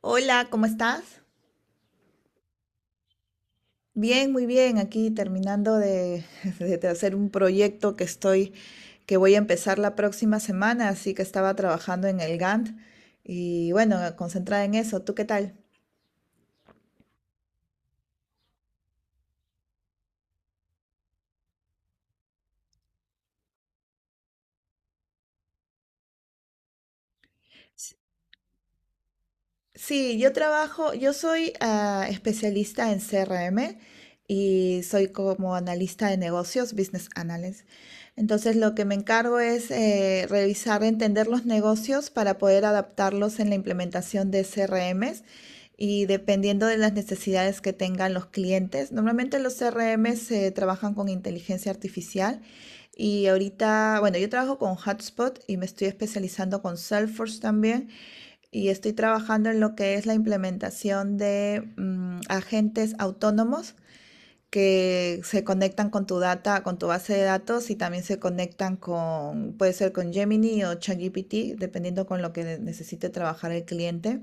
Hola, ¿cómo estás? Bien, muy bien. Aquí terminando de, de hacer un proyecto que estoy, que voy a empezar la próxima semana, así que estaba trabajando en el Gantt y bueno, concentrada en eso. ¿Tú qué tal? Sí, yo soy especialista en CRM y soy como analista de negocios, business analyst. Entonces, lo que me encargo es revisar, entender los negocios para poder adaptarlos en la implementación de CRMs y dependiendo de las necesidades que tengan los clientes. Normalmente los CRM se trabajan con inteligencia artificial y ahorita, bueno, yo trabajo con Hotspot y me estoy especializando con Salesforce también, y estoy trabajando en lo que es la implementación de agentes autónomos que se conectan con tu data, con tu base de datos, y también se conectan con, puede ser con Gemini o ChatGPT, dependiendo con lo que necesite trabajar el cliente,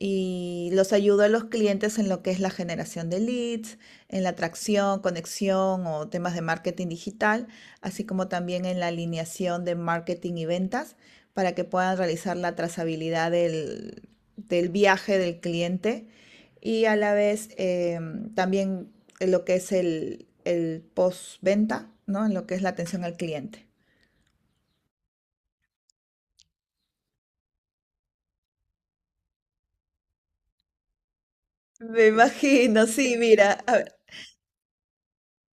y los ayudo a los clientes en lo que es la generación de leads, en la atracción, conexión o temas de marketing digital, así como también en la alineación de marketing y ventas para que puedan realizar la trazabilidad del viaje del cliente, y a la vez también en lo que es el postventa, ¿no? En lo que es la atención al cliente. Me imagino, sí, mira, a-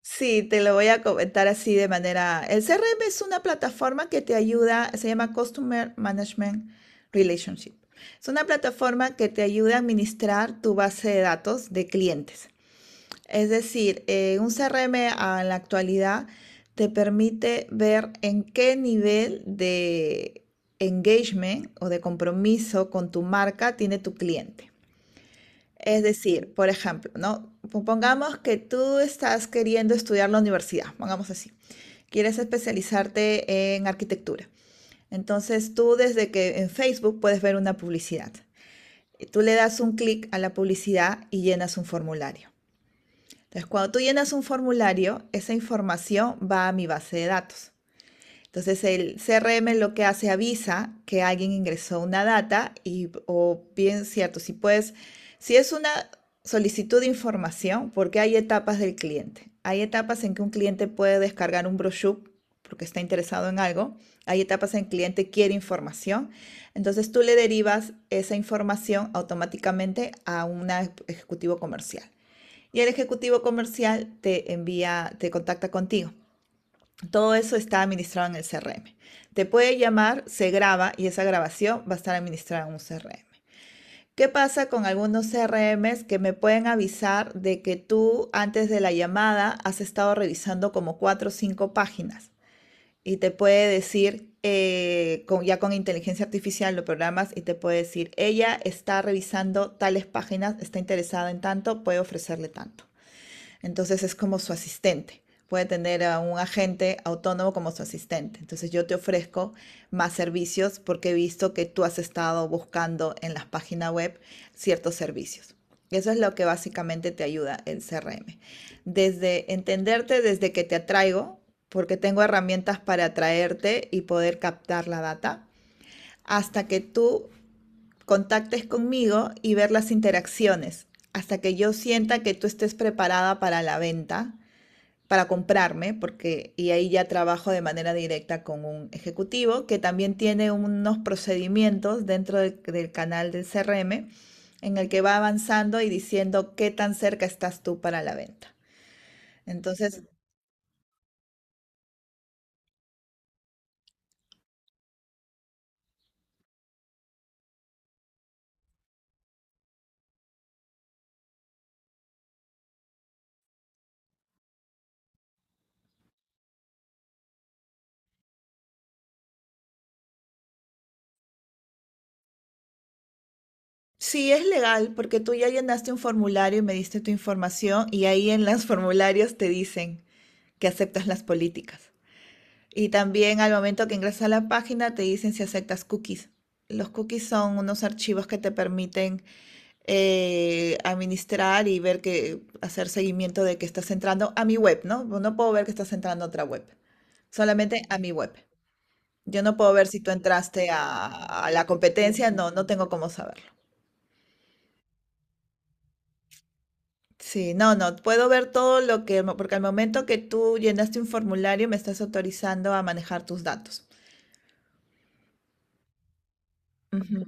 Sí, te lo voy a comentar así de manera. El CRM es una plataforma que te ayuda, se llama Customer Management Relationship. Es una plataforma que te ayuda a administrar tu base de datos de clientes. Es decir, un CRM a- en la actualidad te permite ver en qué nivel de engagement o de compromiso con tu marca tiene tu cliente. Es decir, por ejemplo, ¿no? Pongamos que tú estás queriendo estudiar la universidad, pongamos así. Quieres especializarte en arquitectura. Entonces tú desde que en Facebook puedes ver una publicidad. Tú le das un clic a la publicidad y llenas un formulario. Entonces, cuando tú llenas un formulario, esa información va a mi base de datos. Entonces el CRM lo que hace avisa que alguien ingresó una data y o bien cierto, si puedes, si es una solicitud de información, porque hay etapas del cliente. Hay etapas en que un cliente puede descargar un brochure porque está interesado en algo. Hay etapas en que el cliente quiere información. Entonces tú le derivas esa información automáticamente a un ejecutivo comercial. Y el ejecutivo comercial te envía, te contacta contigo. Todo eso está administrado en el CRM. Te puede llamar, se graba y esa grabación va a estar administrada en un CRM. ¿Qué pasa con algunos CRMs que me pueden avisar de que tú antes de la llamada has estado revisando como cuatro o cinco páginas? Y te puede decir, con, ya con inteligencia artificial lo programas y te puede decir, ella está revisando tales páginas, está interesada en tanto, puede ofrecerle tanto. Entonces es como su asistente. Puede tener a un agente autónomo como su asistente. Entonces yo te ofrezco más servicios porque he visto que tú has estado buscando en las páginas web ciertos servicios. Eso es lo que básicamente te ayuda el CRM. Desde entenderte, desde que te atraigo, porque tengo herramientas para atraerte y poder captar la data, hasta que tú contactes conmigo y ver las interacciones, hasta que yo sienta que tú estés preparada para la venta para comprarme, porque y ahí ya trabajo de manera directa con un ejecutivo que también tiene unos procedimientos dentro del canal del CRM en el que va avanzando y diciendo qué tan cerca estás tú para la venta. Entonces, sí es legal porque tú ya llenaste un formulario y me diste tu información y ahí en los formularios te dicen que aceptas las políticas. Y también al momento que ingresas a la página te dicen si aceptas cookies. Los cookies son unos archivos que te permiten administrar y ver que hacer seguimiento de que estás entrando a mi web, ¿no? Pues no puedo ver que estás entrando a otra web, solamente a mi web. Yo no puedo ver si tú entraste a la competencia, no, no tengo cómo saberlo. Sí, no, no, puedo ver todo lo que, mo- porque al momento que tú llenaste un formulario me estás autorizando a manejar tus datos. Ujú.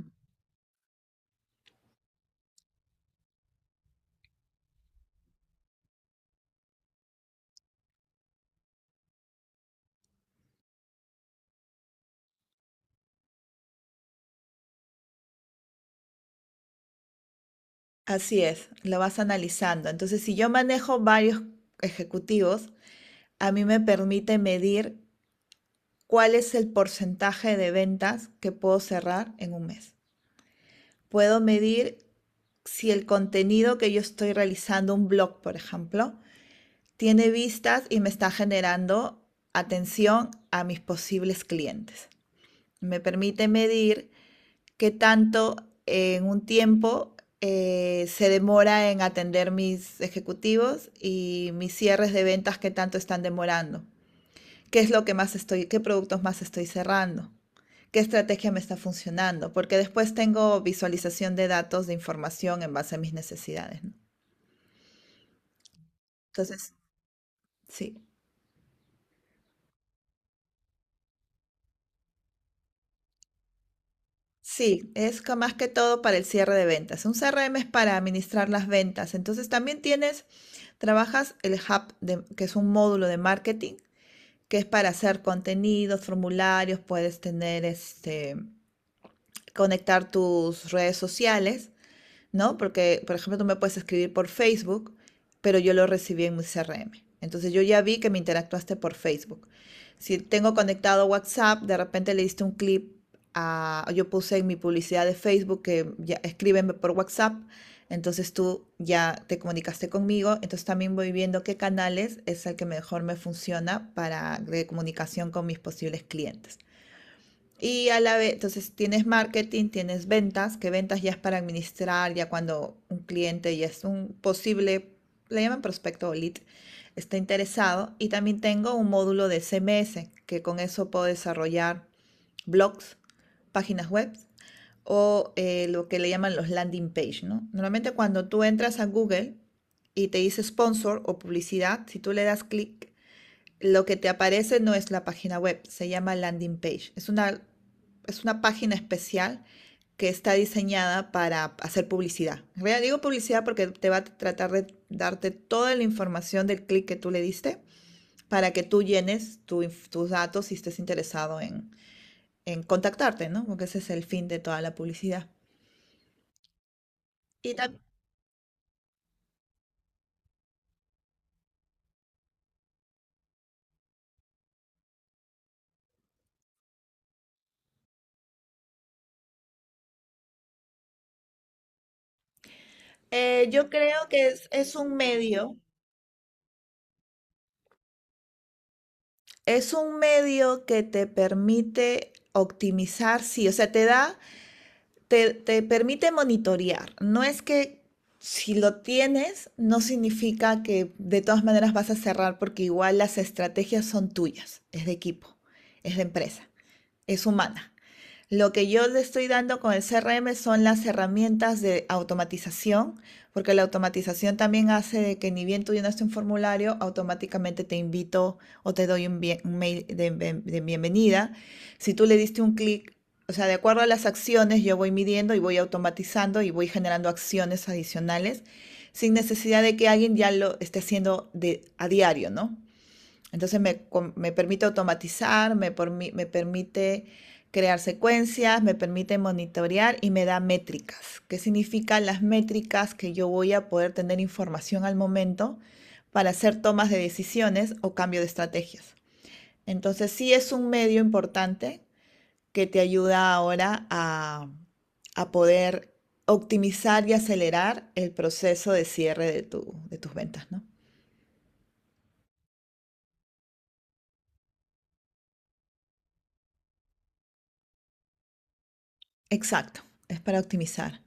Así es, lo vas analizando. Entonces, si yo manejo varios ejecutivos, a mí me permite medir cuál es el porcentaje de ventas que puedo cerrar en un mes. Puedo medir si el contenido que yo estoy realizando, un blog, por ejemplo, tiene vistas y me está generando atención a mis posibles clientes. Me permite medir qué tanto en un tiempo se demora en atender mis ejecutivos y mis cierres de ventas qué tanto están demorando, qué es lo que más estoy, qué productos más estoy cerrando, qué estrategia me está funcionando, porque después tengo visualización de datos, de información en base a mis necesidades, ¿no? Entonces, sí. Sí, es ca- más que todo para el cierre de ventas. Un CRM es para administrar las ventas. Entonces también tienes, trabajas el hub, de- que es un módulo de marketing, que es para hacer contenidos, formularios, puedes tener este, conectar tus redes sociales. ¿No? Porque, por ejemplo, tú me puedes escribir por Facebook, pero yo lo recibí en mi CRM. Entonces yo ya vi que me interactuaste por Facebook. Si tengo conectado WhatsApp, de repente le diste un clip a, yo puse en mi publicidad de Facebook que ya escríbeme por WhatsApp, entonces tú ya te comunicaste conmigo, entonces también voy viendo qué canales es el que mejor me funciona para de comunicación con mis posibles clientes. Y a la vez, entonces tienes marketing, tienes ventas, que ventas ya es para administrar, ya cuando un cliente ya es un posible, le llaman prospecto o lead, está interesado. Y también tengo un módulo de CMS, que con eso puedo desarrollar blogs, páginas web o lo que le llaman los landing page, ¿no? Normalmente cuando tú entras a Google y te dice sponsor o publicidad, si tú le das clic, lo que te aparece no es la página web, se llama landing page. Es una página especial que está diseñada para hacer publicidad. En realidad digo publicidad porque te va a tratar de darte toda la información del clic que tú le diste para que tú llenes tu tus datos si estés interesado en contactarte, ¿no? Porque ese es el fin de toda la publicidad. Y tam- yo creo que es un medio que te permite optimizar, sí, o sea, te da te, te permite monitorear. No es que si lo tienes, no significa que de todas maneras vas a cerrar porque igual las estrategias son tuyas, es de equipo, es de empresa, es humana. Lo que yo le estoy dando con el CRM son las herramientas de automatización, porque la automatización también hace de que ni bien tú llenaste un formulario, automáticamente te invito o te doy un, bien- un mail de bienvenida. Si tú le diste un clic, o sea, de acuerdo a las acciones, yo voy midiendo y voy automatizando y voy generando acciones adicionales sin necesidad de que alguien ya lo esté haciendo de, a diario, ¿no? Entonces me permite automatizar, me permite crear secuencias, me permite monitorear y me da métricas. ¿Qué significan las métricas? Que yo voy a poder tener información al momento para hacer tomas de decisiones o cambio de estrategias. Entonces sí es un medio importante que te ayuda ahora a poder optimizar y acelerar el proceso de cierre de, tu- de tus ventas, ¿no? Exacto, es para optimizar,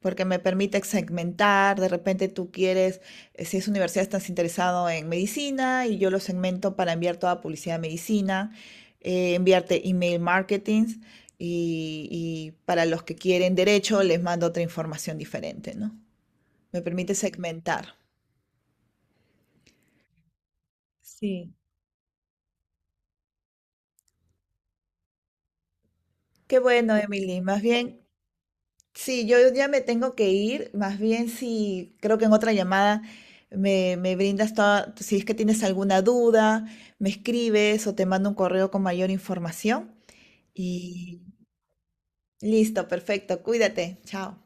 porque me permite segmentar, de repente tú quieres, si es universidad, estás interesado en medicina y yo lo segmento para enviar toda publicidad de medicina, enviarte email marketing y para los que quieren derecho les mando otra información diferente, ¿no? Me permite segmentar. Sí, qué bueno, Emily. Más bien, sí, yo ya me tengo que ir. Más bien, si creo que en otra llamada me, me brindas toda, si es que tienes alguna duda, me escribes o te mando un correo con mayor información. Y listo, perfecto. Cuídate. Chao.